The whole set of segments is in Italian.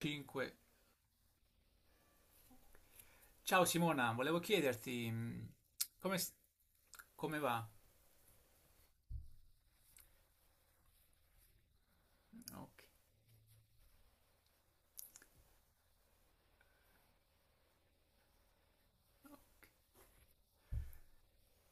5. Ciao Simona, volevo chiederti come, s- come va? Ok.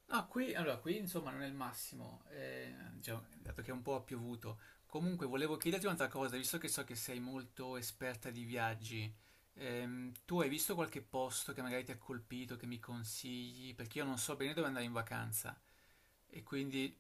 Ah, qui, allora, qui insomma non è il massimo, già, dato che è un po' piovuto. Comunque volevo chiederti un'altra cosa, visto che so che sei molto esperta di viaggi, tu hai visto qualche posto che magari ti ha colpito, che mi consigli? Perché io non so bene dove andare in vacanza e quindi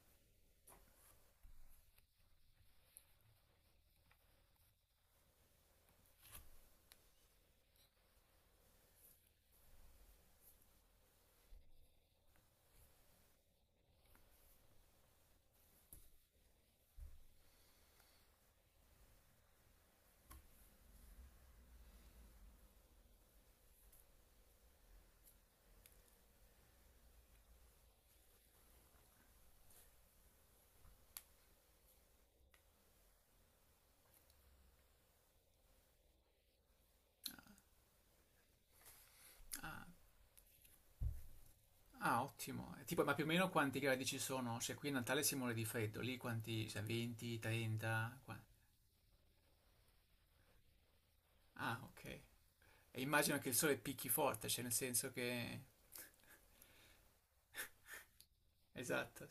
ah, ah, ottimo. E tipo, ma più o meno quanti gradi ci sono? Se qui a Natale si muore di freddo, lì quanti? Cioè, 20, 30? Ah, ok. E immagino che il sole picchi forte, cioè nel senso che Esatto.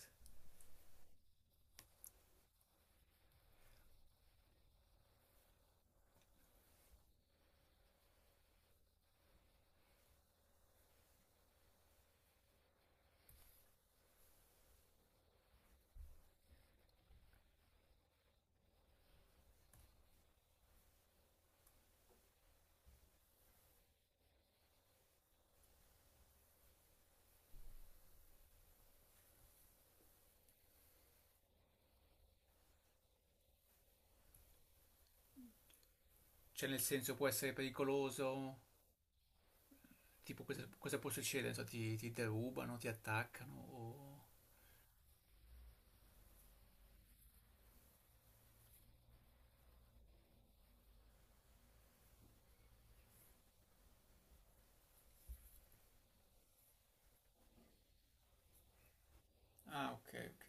Cioè nel senso può essere pericoloso. Tipo, cosa può succedere? Non so, ti derubano, ti attaccano o. Ah, ok, ok.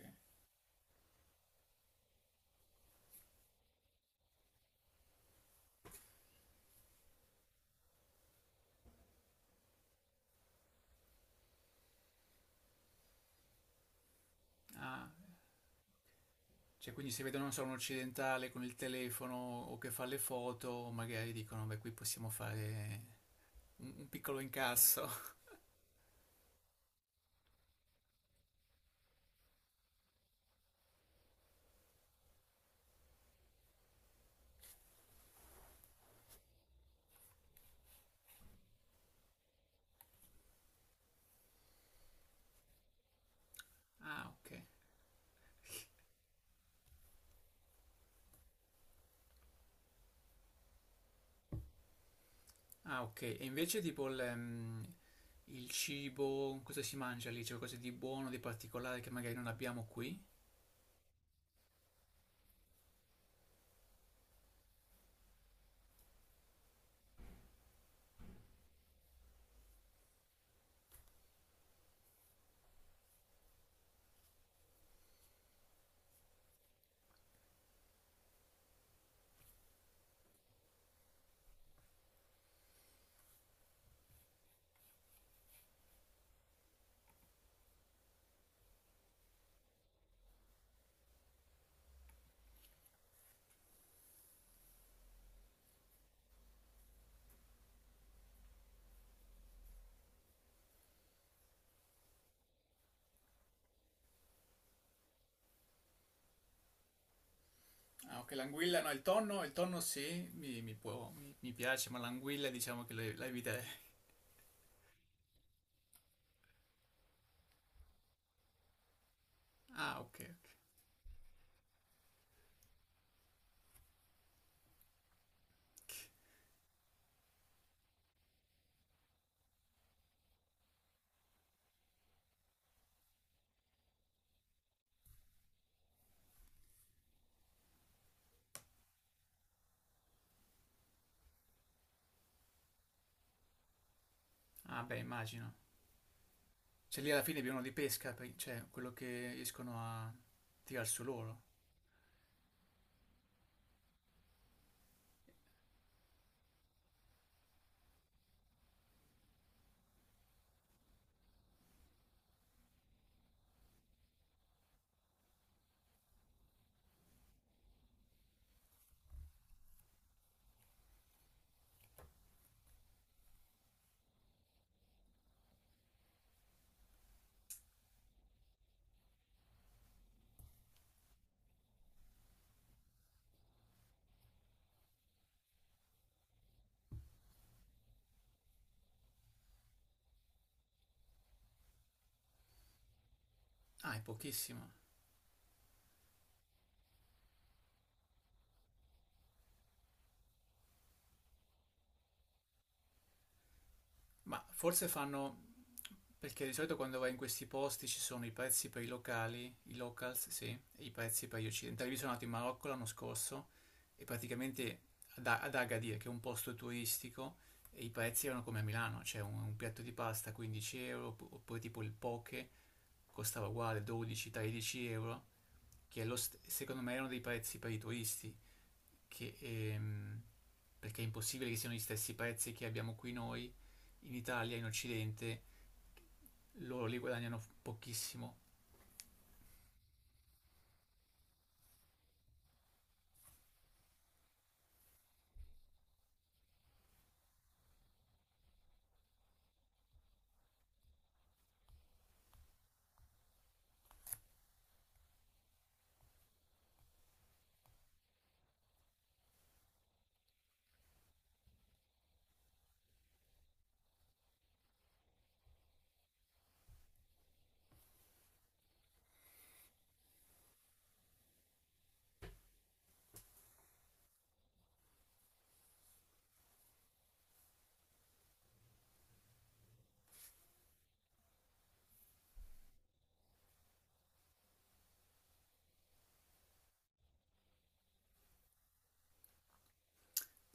Ah, cioè quindi se vedono, non so, un occidentale con il telefono o che fa le foto, magari dicono, beh, qui possiamo fare un piccolo incasso. Ah, ok. Ah, ok. E invece tipo il cibo, cosa si mangia lì? C'è qualcosa di buono, di particolare che magari non abbiamo qui? Ah, ok, l'anguilla, no, il tonno sì, mi può, mi piace, ma l'anguilla diciamo che la eviterei. Ah, ok. Ok. Ah, beh, immagino. Cioè lì alla fine abbiamo di pesca, cioè quello che riescono a tirar su loro. Ah, è pochissimo. Ma forse fanno, perché di solito quando vai in questi posti ci sono i prezzi per i locali, i locals, sì, e i prezzi per gli occidentali. Io sono andato in Marocco l'anno scorso e praticamente ad Agadir, che è un posto turistico, e i prezzi erano come a Milano, c'è un piatto di pasta 15 euro, oppure tipo il poke costava uguale 12-13 euro, che è secondo me erano dei prezzi per i turisti, che, ehm, perché è impossibile che siano gli stessi prezzi che abbiamo qui noi in Italia, in Occidente loro lì guadagnano pochissimo.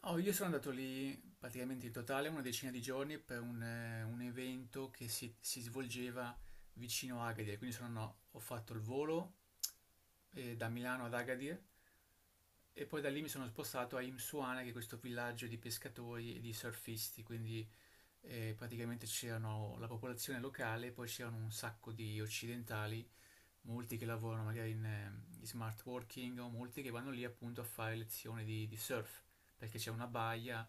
Oh, io sono andato lì praticamente in totale una decina di giorni per un evento che si svolgeva vicino a Agadir, quindi ho fatto il volo da Milano ad Agadir e poi da lì mi sono spostato a Imsuana, che è questo villaggio di pescatori e di surfisti, quindi praticamente c'erano la popolazione locale, poi c'erano un sacco di occidentali molti che lavorano magari in smart working o molti che vanno lì appunto a fare lezioni di surf perché c'è una baia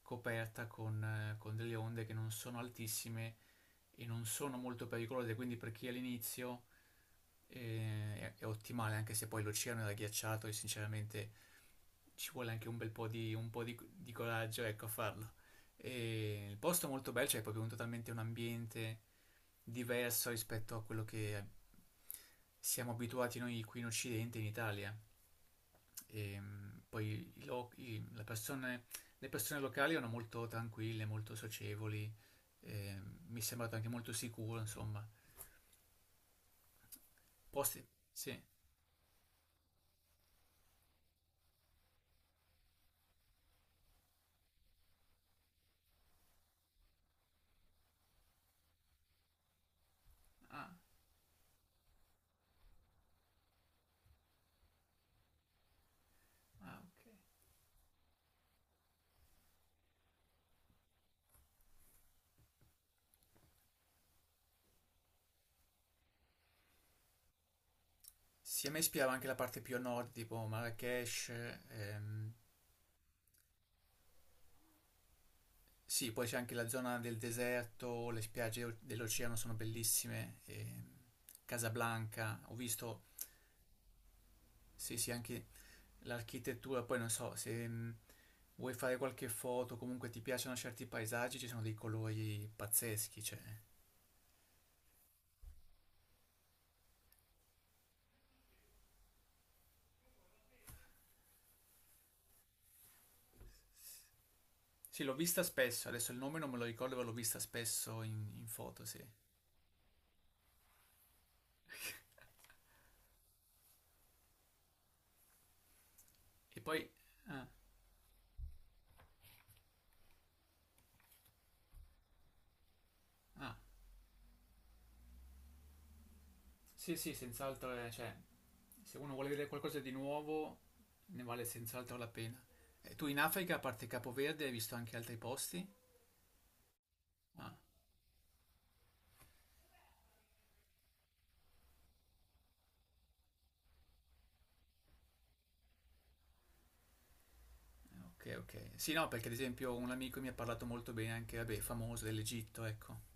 coperta con delle onde che non sono altissime e non sono molto pericolose, quindi per chi è all'inizio è ottimale, anche se poi l'oceano era ghiacciato e sinceramente ci vuole anche un po' di coraggio, ecco, a farlo. E il posto è molto bello, cioè è proprio totalmente un ambiente diverso rispetto a quello che siamo abituati noi qui in Occidente, in Italia. E poi i lo- i- la persone- le persone locali erano molto tranquille, molto socievoli, eh, mi è sembrato anche molto sicuro, insomma. Posti, sì. Ah, ah, ok. Sì, a me ispirava anche la parte più a nord, tipo Marrakech, ehm, sì, poi c'è anche la zona del deserto, le spiagge dell'oceano sono bellissime, Casablanca, ho visto. Sì, sì, anche l'architettura, poi non so, se vuoi fare qualche foto, comunque ti piacciono certi paesaggi, ci sono dei colori pazzeschi, cioè. Sì, l'ho vista spesso, adesso il nome non me lo ricordo, ma l'ho vista spesso in foto, sì. E poi, ah, ah, sì, sì, senz'altro, cioè, se uno vuole vedere qualcosa di nuovo, ne vale senz'altro la pena. E tu in Africa, a parte Capoverde, hai visto anche altri posti? Ah, ok, ok. Sì, no, perché ad esempio un amico mi ha parlato molto bene anche, vabbè, famoso dell'Egitto, ecco.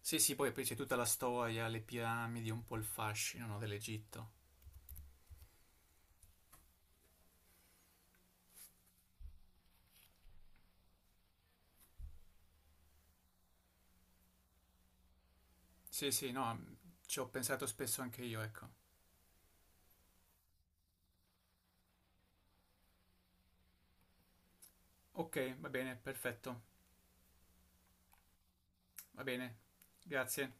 Sì, sì, poi c'è tutta la storia, le piramidi, un po' il fascino, no, dell'Egitto. Sì, sì, no, ci ho pensato spesso anche io, ecco. Ok, va bene, perfetto, va bene, grazie.